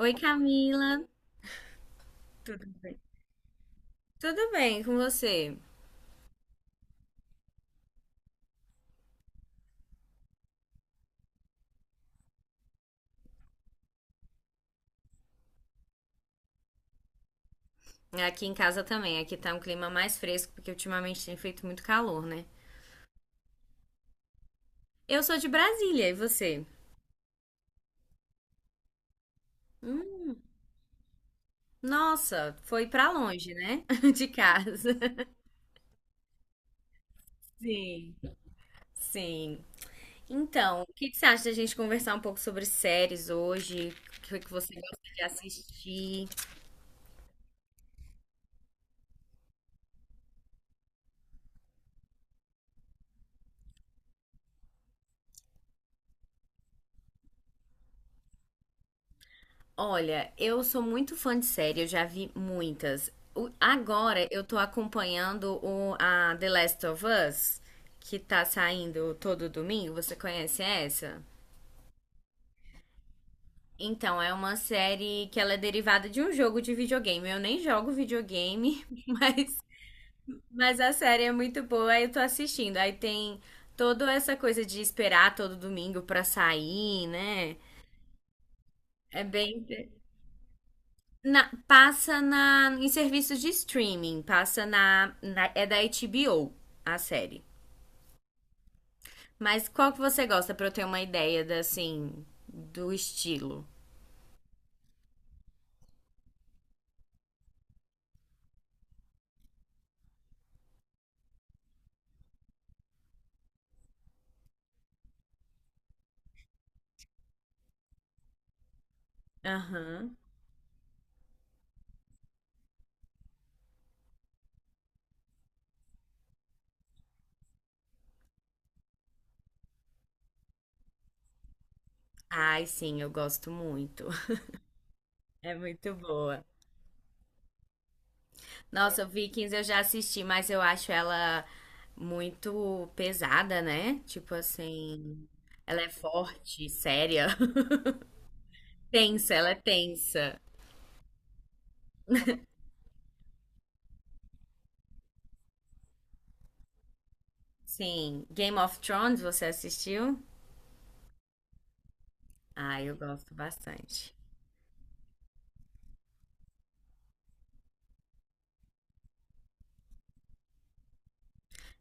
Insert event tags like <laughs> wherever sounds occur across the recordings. Oi, Camila. Tudo bem? Tudo bem com você? Aqui em casa também. Aqui tá um clima mais fresco, porque ultimamente tem feito muito calor, né? Eu sou de Brasília, e você? Hum, nossa, foi pra longe, né? <laughs> De casa. Sim, sim. Então, o que que você acha da gente conversar um pouco sobre séries hoje? O que que você gosta de assistir? Olha, eu sou muito fã de série, eu já vi muitas. Agora eu tô acompanhando a The Last of Us, que tá saindo todo domingo. Você conhece essa? Então, é uma série que ela é derivada de um jogo de videogame. Eu nem jogo videogame, <laughs> mas a série é muito boa, aí eu tô assistindo. Aí tem toda essa coisa de esperar todo domingo pra sair, né? É bem. Passa em serviços de streaming, passa na, é da HBO a série. Mas qual que você gosta pra eu ter uma ideia da, assim, do estilo? Aham. Ai, sim, eu gosto muito. <laughs> É muito boa. Nossa, Vikings eu já assisti, mas eu acho ela muito pesada, né? Tipo assim, ela é forte, séria. <laughs> Tensa, ela é tensa. Sim. Game of Thrones, você assistiu? Ah, eu gosto bastante.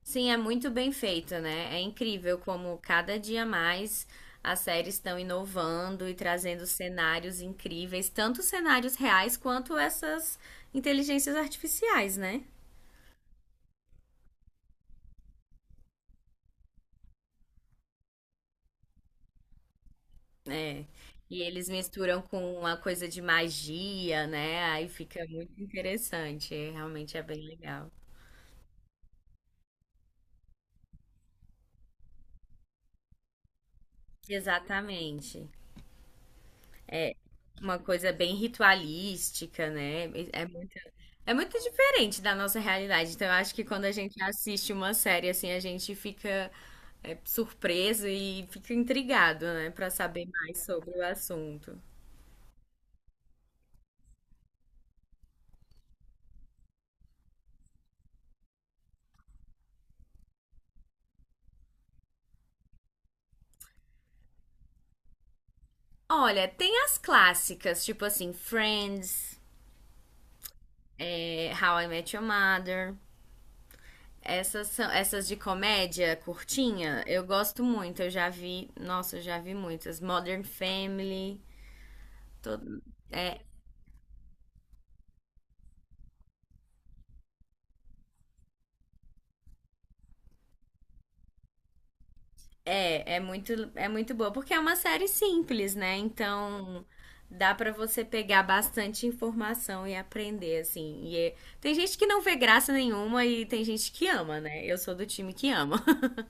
Sim, é muito bem feito, né? É incrível como cada dia mais as séries estão inovando e trazendo cenários incríveis, tanto cenários reais quanto essas inteligências artificiais, né? É. E eles misturam com uma coisa de magia, né? Aí fica muito interessante. Realmente é bem legal. Exatamente. Uma coisa bem ritualística, né? É muito, é muito diferente da nossa realidade. Então, eu acho que quando a gente assiste uma série assim, a gente fica surpreso e fica intrigado, né, pra saber mais sobre o assunto. Olha, tem as clássicas, tipo assim, Friends, How I Met Your Mother. Essas são, essas de comédia curtinha, eu gosto muito. Eu já vi, nossa, eu já vi muitas. Modern Family, todo, é. É, é muito boa, porque é uma série simples, né? Então dá pra você pegar bastante informação e aprender, assim. E. Tem gente que não vê graça nenhuma e tem gente que ama, né? Eu sou do time que ama. <laughs>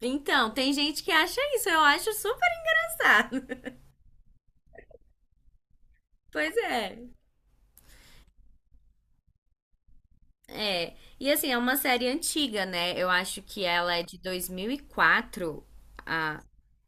Então, tem gente que acha isso, eu acho super engraçado. <laughs> Pois é. É. E assim, é uma série antiga, né? Eu acho que ela é de 2004.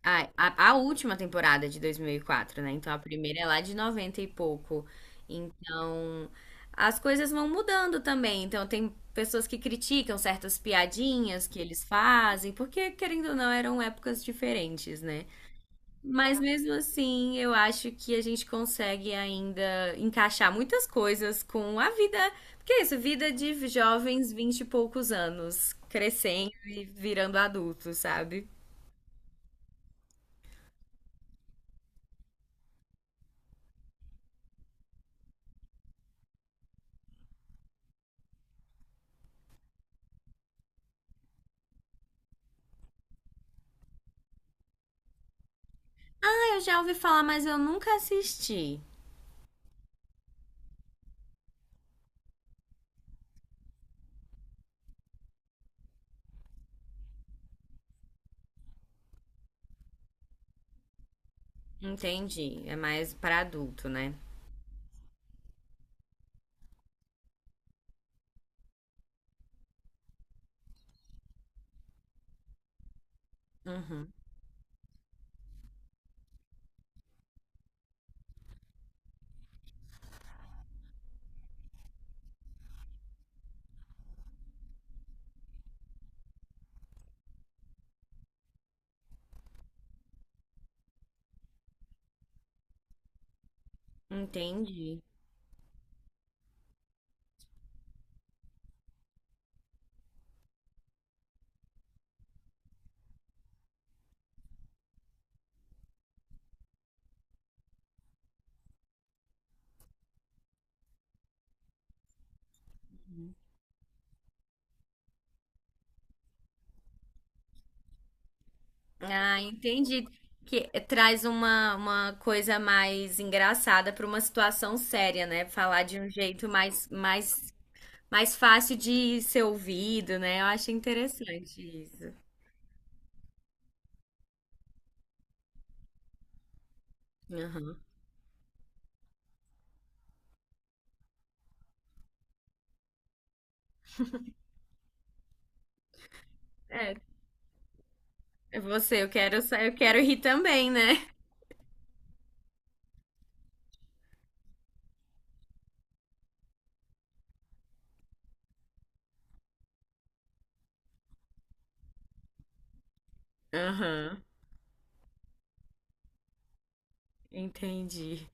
Ah, a última temporada de 2004, né? Então a primeira é lá de 90 e pouco. Então as coisas vão mudando também. Então tem pessoas que criticam certas piadinhas que eles fazem, porque querendo ou não eram épocas diferentes, né? Mas mesmo assim, eu acho que a gente consegue ainda encaixar muitas coisas com a vida, porque é isso, vida de jovens 20 e poucos anos, crescendo e virando adultos, sabe? Eu já ouvi falar, mas eu nunca assisti. Entendi. É mais pra adulto, né? Uhum. Entendi. Ah, entendi. Que traz uma coisa mais engraçada pra uma situação séria, né? Falar de um jeito mais, mais, mais fácil de ser ouvido, né? Eu acho interessante isso. Uhum. É, é você, eu quero, eu quero rir também, né? Aham, entendi.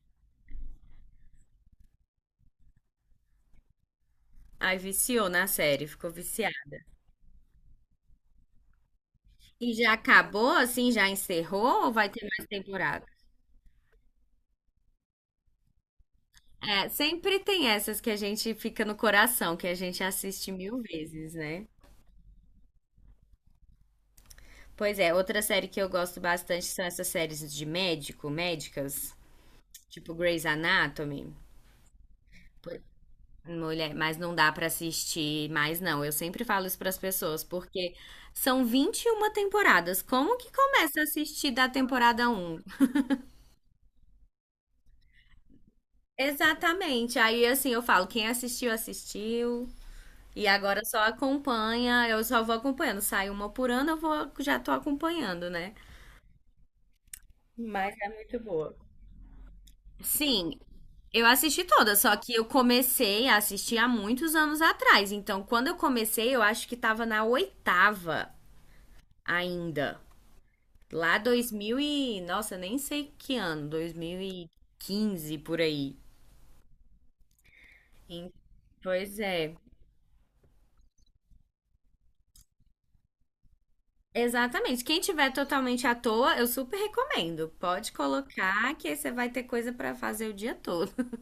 Aí viciou na série, ficou viciada. E já acabou, assim, já encerrou ou vai ter mais temporada? É, sempre tem essas que a gente fica no coração, que a gente assiste 1000 vezes, né? Pois é, outra série que eu gosto bastante são essas séries de médico, médicas, tipo Grey's Anatomy. Por- Mulher, mas não dá pra assistir mais, não. Eu sempre falo isso pras pessoas, porque são 21 temporadas. Como que começa a assistir da temporada um? Exatamente. Aí, assim, eu falo, quem assistiu, assistiu. E agora só acompanha, eu só vou acompanhando. Sai uma por ano, eu vou, já tô acompanhando, né? Mas é muito boa. Sim, eu assisti toda, só que eu comecei a assistir há muitos anos atrás. Então, quando eu comecei, eu acho que tava na oitava ainda. Lá dois mil e... Nossa, nem sei que ano. 2015 por aí. Em- Pois é. Exatamente. Quem tiver totalmente à toa, eu super recomendo. Pode colocar que aí você vai ter coisa pra fazer o dia todo. <laughs>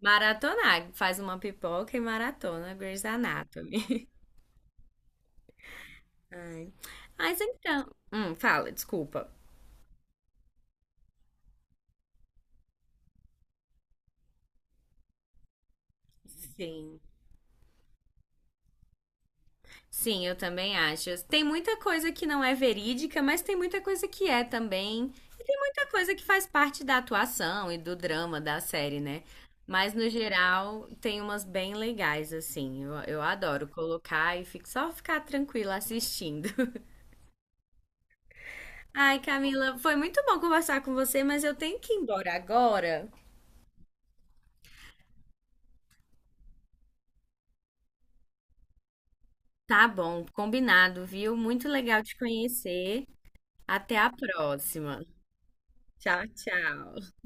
Maratonar. Faz uma pipoca e maratona Grey's Anatomy. <laughs> Ai. Mas então. Fala, desculpa. Sim. Sim, eu também acho. Tem muita coisa que não é verídica, mas tem muita coisa que é também. E tem muita coisa que faz parte da atuação e do drama da série, né? Mas no geral, tem umas bem legais, assim. Eu adoro colocar e fico, só ficar tranquila assistindo. <laughs> Ai, Camila, foi muito bom conversar com você, mas eu tenho que ir embora agora. Tá bom, combinado, viu? Muito legal te conhecer. Até a próxima. Tchau, tchau.